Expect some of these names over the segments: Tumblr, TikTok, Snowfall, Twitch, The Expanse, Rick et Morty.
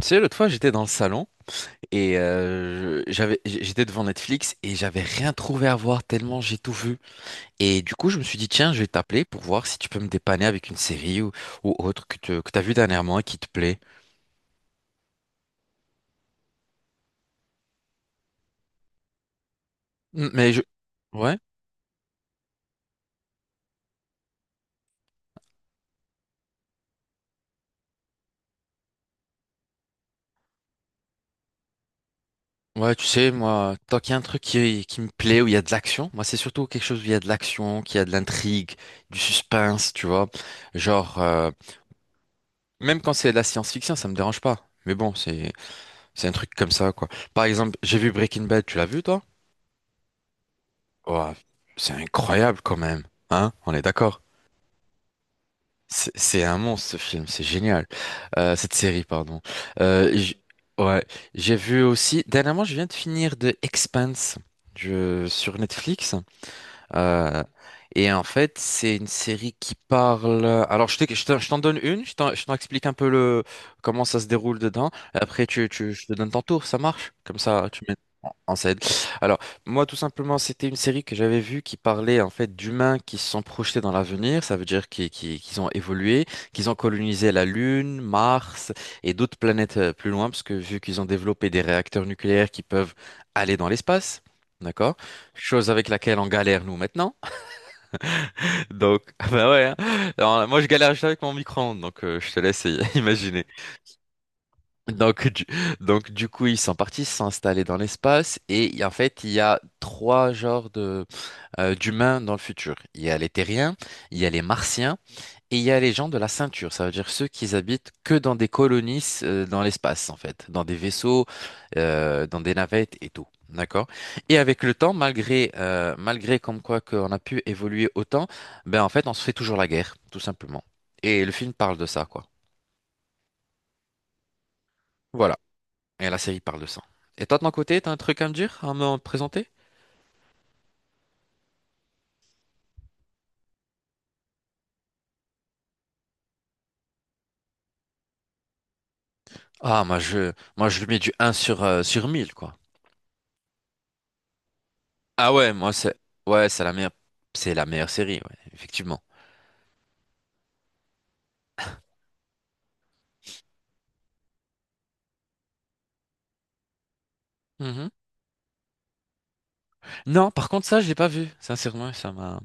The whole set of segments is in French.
Tu sais, l'autre fois, j'étais dans le salon et j'avais, j'étais devant Netflix et j'avais rien trouvé à voir tellement j'ai tout vu. Et du coup, je me suis dit, tiens, je vais t'appeler pour voir si tu peux me dépanner avec une série ou autre que t'as vu dernièrement et qui te plaît. Mm, mais je. Ouais, ouais, tu sais, moi, tant qu'il y a un truc qui me plaît, où il y a de l'action, moi, c'est surtout quelque chose où il y a de l'action, qu'il y a de l'intrigue, du suspense, tu vois. Genre, même quand c'est de la science-fiction, ça me dérange pas. Mais bon. C'est un truc comme ça, quoi. Par exemple, j'ai vu Breaking Bad, tu l'as vu, toi? Ouah, c'est incroyable quand même. Hein? On est d'accord. C'est un monstre ce film, c'est génial. Cette série, pardon. Euh, j- ouais, j'ai vu aussi. Dernièrement, je viens de finir The Expanse sur Netflix. Euh, et en fait, c'est une série qui parle. Alors, je t'en donne une, je t'en explique un peu le comment ça se déroule dedans. Après, je te donne ton tour, ça marche? Comme ça, tu mets en scène. Alors, moi, tout simplement, c'était une série que j'avais vue qui parlait en fait d'humains qui se sont projetés dans l'avenir. Ça veut dire qu'ils ont évolué, qu'ils ont colonisé la Lune, Mars et d'autres planètes plus loin, parce que vu qu'ils ont développé des réacteurs nucléaires qui peuvent aller dans l'espace. D'accord? Chose avec laquelle on galère nous maintenant. Donc, bah ouais. Hein. Alors, moi, je galère juste avec mon micro-ondes, donc je te laisse imaginer. Donc, du, donc du coup, ils sont partis s'installer dans l'espace et en fait, il y a trois genres de d'humains dans le futur. Il y a les terriens, il y a les martiens. Et il y a les gens de la ceinture, ça veut dire ceux qui habitent que dans des colonies dans l'espace, en fait, dans des vaisseaux, dans des navettes et tout. D'accord? Et avec le temps, malgré comme quoi qu'on a pu évoluer autant, ben en fait, on se fait toujours la guerre, tout simplement. Et le film parle de ça, quoi. Voilà. Et la série parle de ça. Et toi, de ton côté, t'as un truc à me dire, à me présenter? Ah, moi, je lui mets du un sur 1000 quoi. Ah ouais, moi, ouais, c'est la meilleure série, ouais, effectivement. Mhm. Non, par contre, ça, je l'ai pas vu. Sincèrement, ça m'a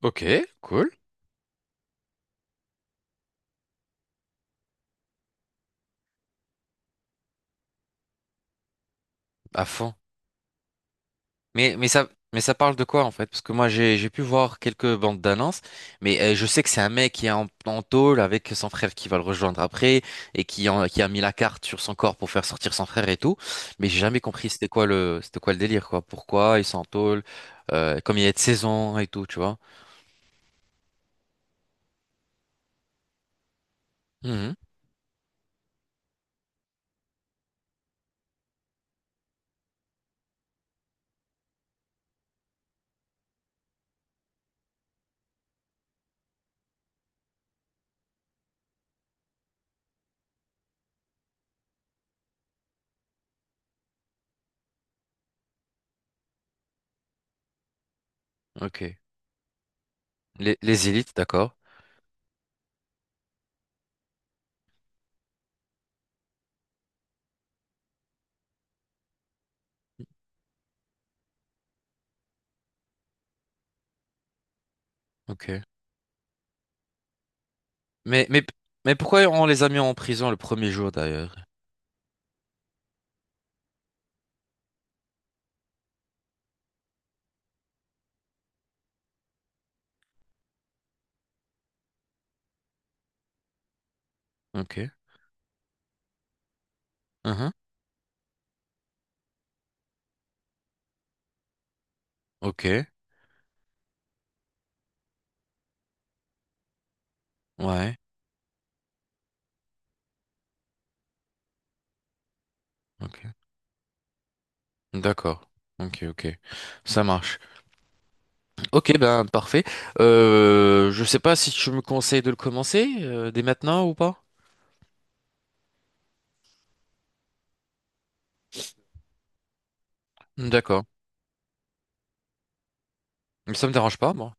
ok, cool. À fond. Mais ça parle de quoi, en fait? Parce que moi, j'ai pu voir quelques bandes d'annonces, mais je sais que c'est un mec qui est en tôle avec son frère qui va le rejoindre après et qui a mis la carte sur son corps pour faire sortir son frère et tout. Mais j'ai jamais compris c'était quoi le délire, quoi. Pourquoi ils sont en tôle, comme il y a de saison et tout, tu vois. Mhm, ok. Les élites, d'accord. Ok. Mais, mais, mais pourquoi on les a mis en prison le premier jour, d'ailleurs? Ok. Mhm. Ok, ouais, ok, d'accord, ok, ok, ça marche. Ok, ben parfait. Je sais pas si tu me conseilles de le commencer dès maintenant ou pas. D'accord, ça me dérange pas, moi.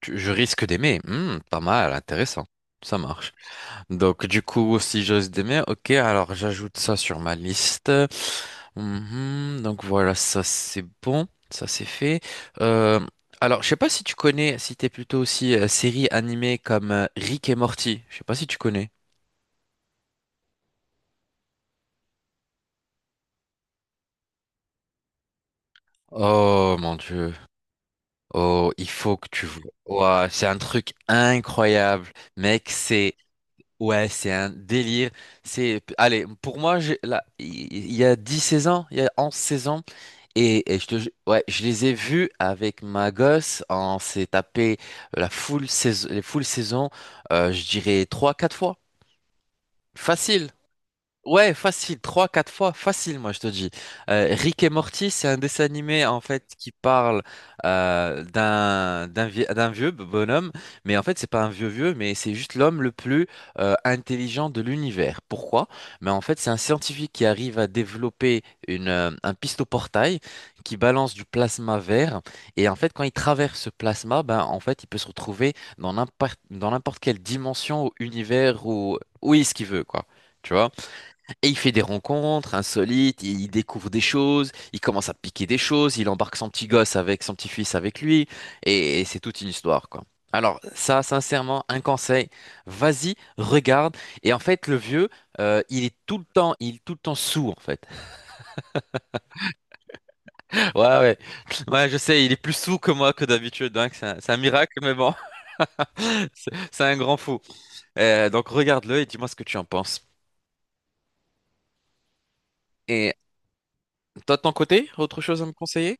Je risque d'aimer. Hmm, pas mal, intéressant. Ça marche. Donc, du coup, si j'ose d'aimer, ok, alors j'ajoute ça sur ma liste. Mhm, donc voilà, ça c'est bon, ça c'est fait. Euh, alors, je sais pas si tu connais, si t'es plutôt aussi série animée comme Rick et Morty. Je sais pas si tu connais. Oh mon Dieu. Oh, il faut que tu vois. Ouah, c'est un truc incroyable. Mec, c'est ouais, c'est un délire. Allez, pour moi, là, il y a 10, 16 ans, il y a 11, 16 ans, et ouais, je les ai vus avec ma gosse. On s'est tapé les full saisons, je dirais trois, quatre fois. Facile. Ouais, facile, trois, quatre fois, facile, moi je te dis. Rick et Morty, c'est un dessin animé en fait qui parle d'un vieux bonhomme, mais en fait c'est pas un vieux vieux, mais c'est juste l'homme le plus intelligent de l'univers. Pourquoi? Mais en fait c'est un scientifique qui arrive à développer une un pistoportail qui balance du plasma vert, et en fait quand il traverse ce plasma, ben en fait il peut se retrouver dans n'importe quelle dimension ou univers ou où est-ce qu'il veut quoi. Tu vois? Et il fait des rencontres insolites, il découvre des choses, il commence à piquer des choses, il embarque son petit-fils avec lui, et c'est toute une histoire, quoi. Alors ça, sincèrement, un conseil, vas-y, regarde. Et en fait, le vieux, il est tout le temps, il est tout le temps sourd, en fait. Ouais, ouais, ouais, je sais, il est plus sourd que moi que d'habitude, hein, que c'est un miracle, mais bon, c'est un grand fou. Donc regarde-le et dis-moi ce que tu en penses. Et toi, de ton côté, autre chose à me conseiller?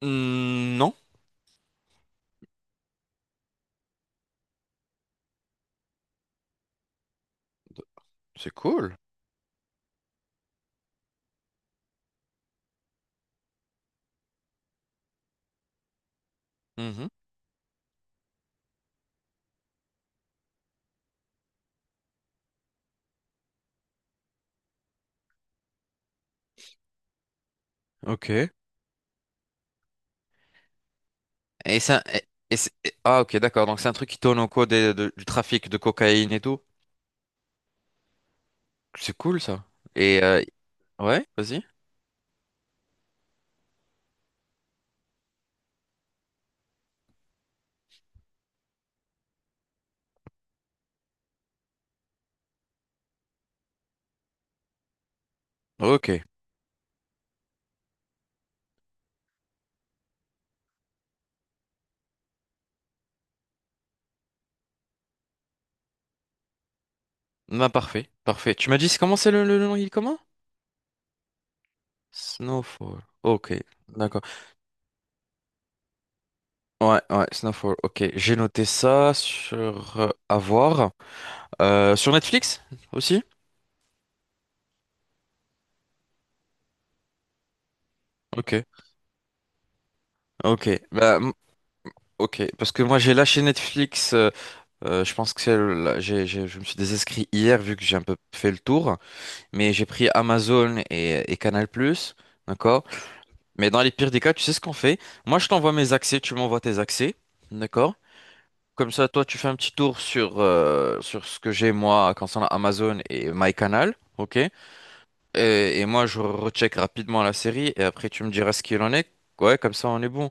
Hmm, non, c'est cool. Ok. Et ça, et c'est- et- Ah, ok, d'accord, donc c'est un truc qui tourne au cours du trafic de cocaïne et tout. C'est cool ça. Et ouais, vas-y. Ok. Bah parfait, parfait. Tu m'as dit comment c'est le nom, il est comment? Snowfall. Ok, d'accord. Ouais, ouais, Snowfall. Ok, j'ai noté ça sur à voir. Sur Netflix aussi? Ok, ok. Bah ok, parce que moi j'ai lâché Netflix. Je pense que là, je me suis désinscrit hier vu que j'ai un peu fait le tour. Mais j'ai pris Amazon et Canal+, d'accord? Mais dans les pires des cas, tu sais ce qu'on fait? Moi, je t'envoie mes accès, tu m'envoies tes accès, d'accord? Comme ça, toi, tu fais un petit tour sur ce que j'ai, moi, concernant Amazon et MyCanal, ok? Et moi, je recheck rapidement la série et après, tu me diras ce qu'il en est. Ouais, comme ça, on est bon.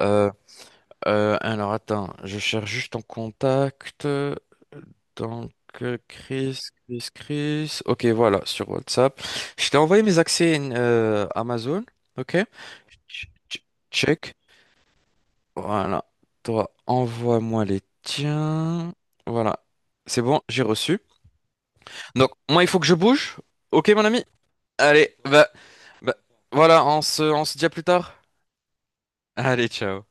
Euh, alors attends, je cherche juste ton contact. Donc Chris, Chris, Chris. Ok, voilà, sur WhatsApp. Je t'ai envoyé mes accès Amazon. Ok? Ch- ch- Check. Voilà. Toi, envoie-moi les tiens. Voilà. C'est bon, j'ai reçu. Donc, moi, il faut que je bouge. Ok, mon ami? Allez, bah, voilà, on se dit à plus tard. Allez, ciao.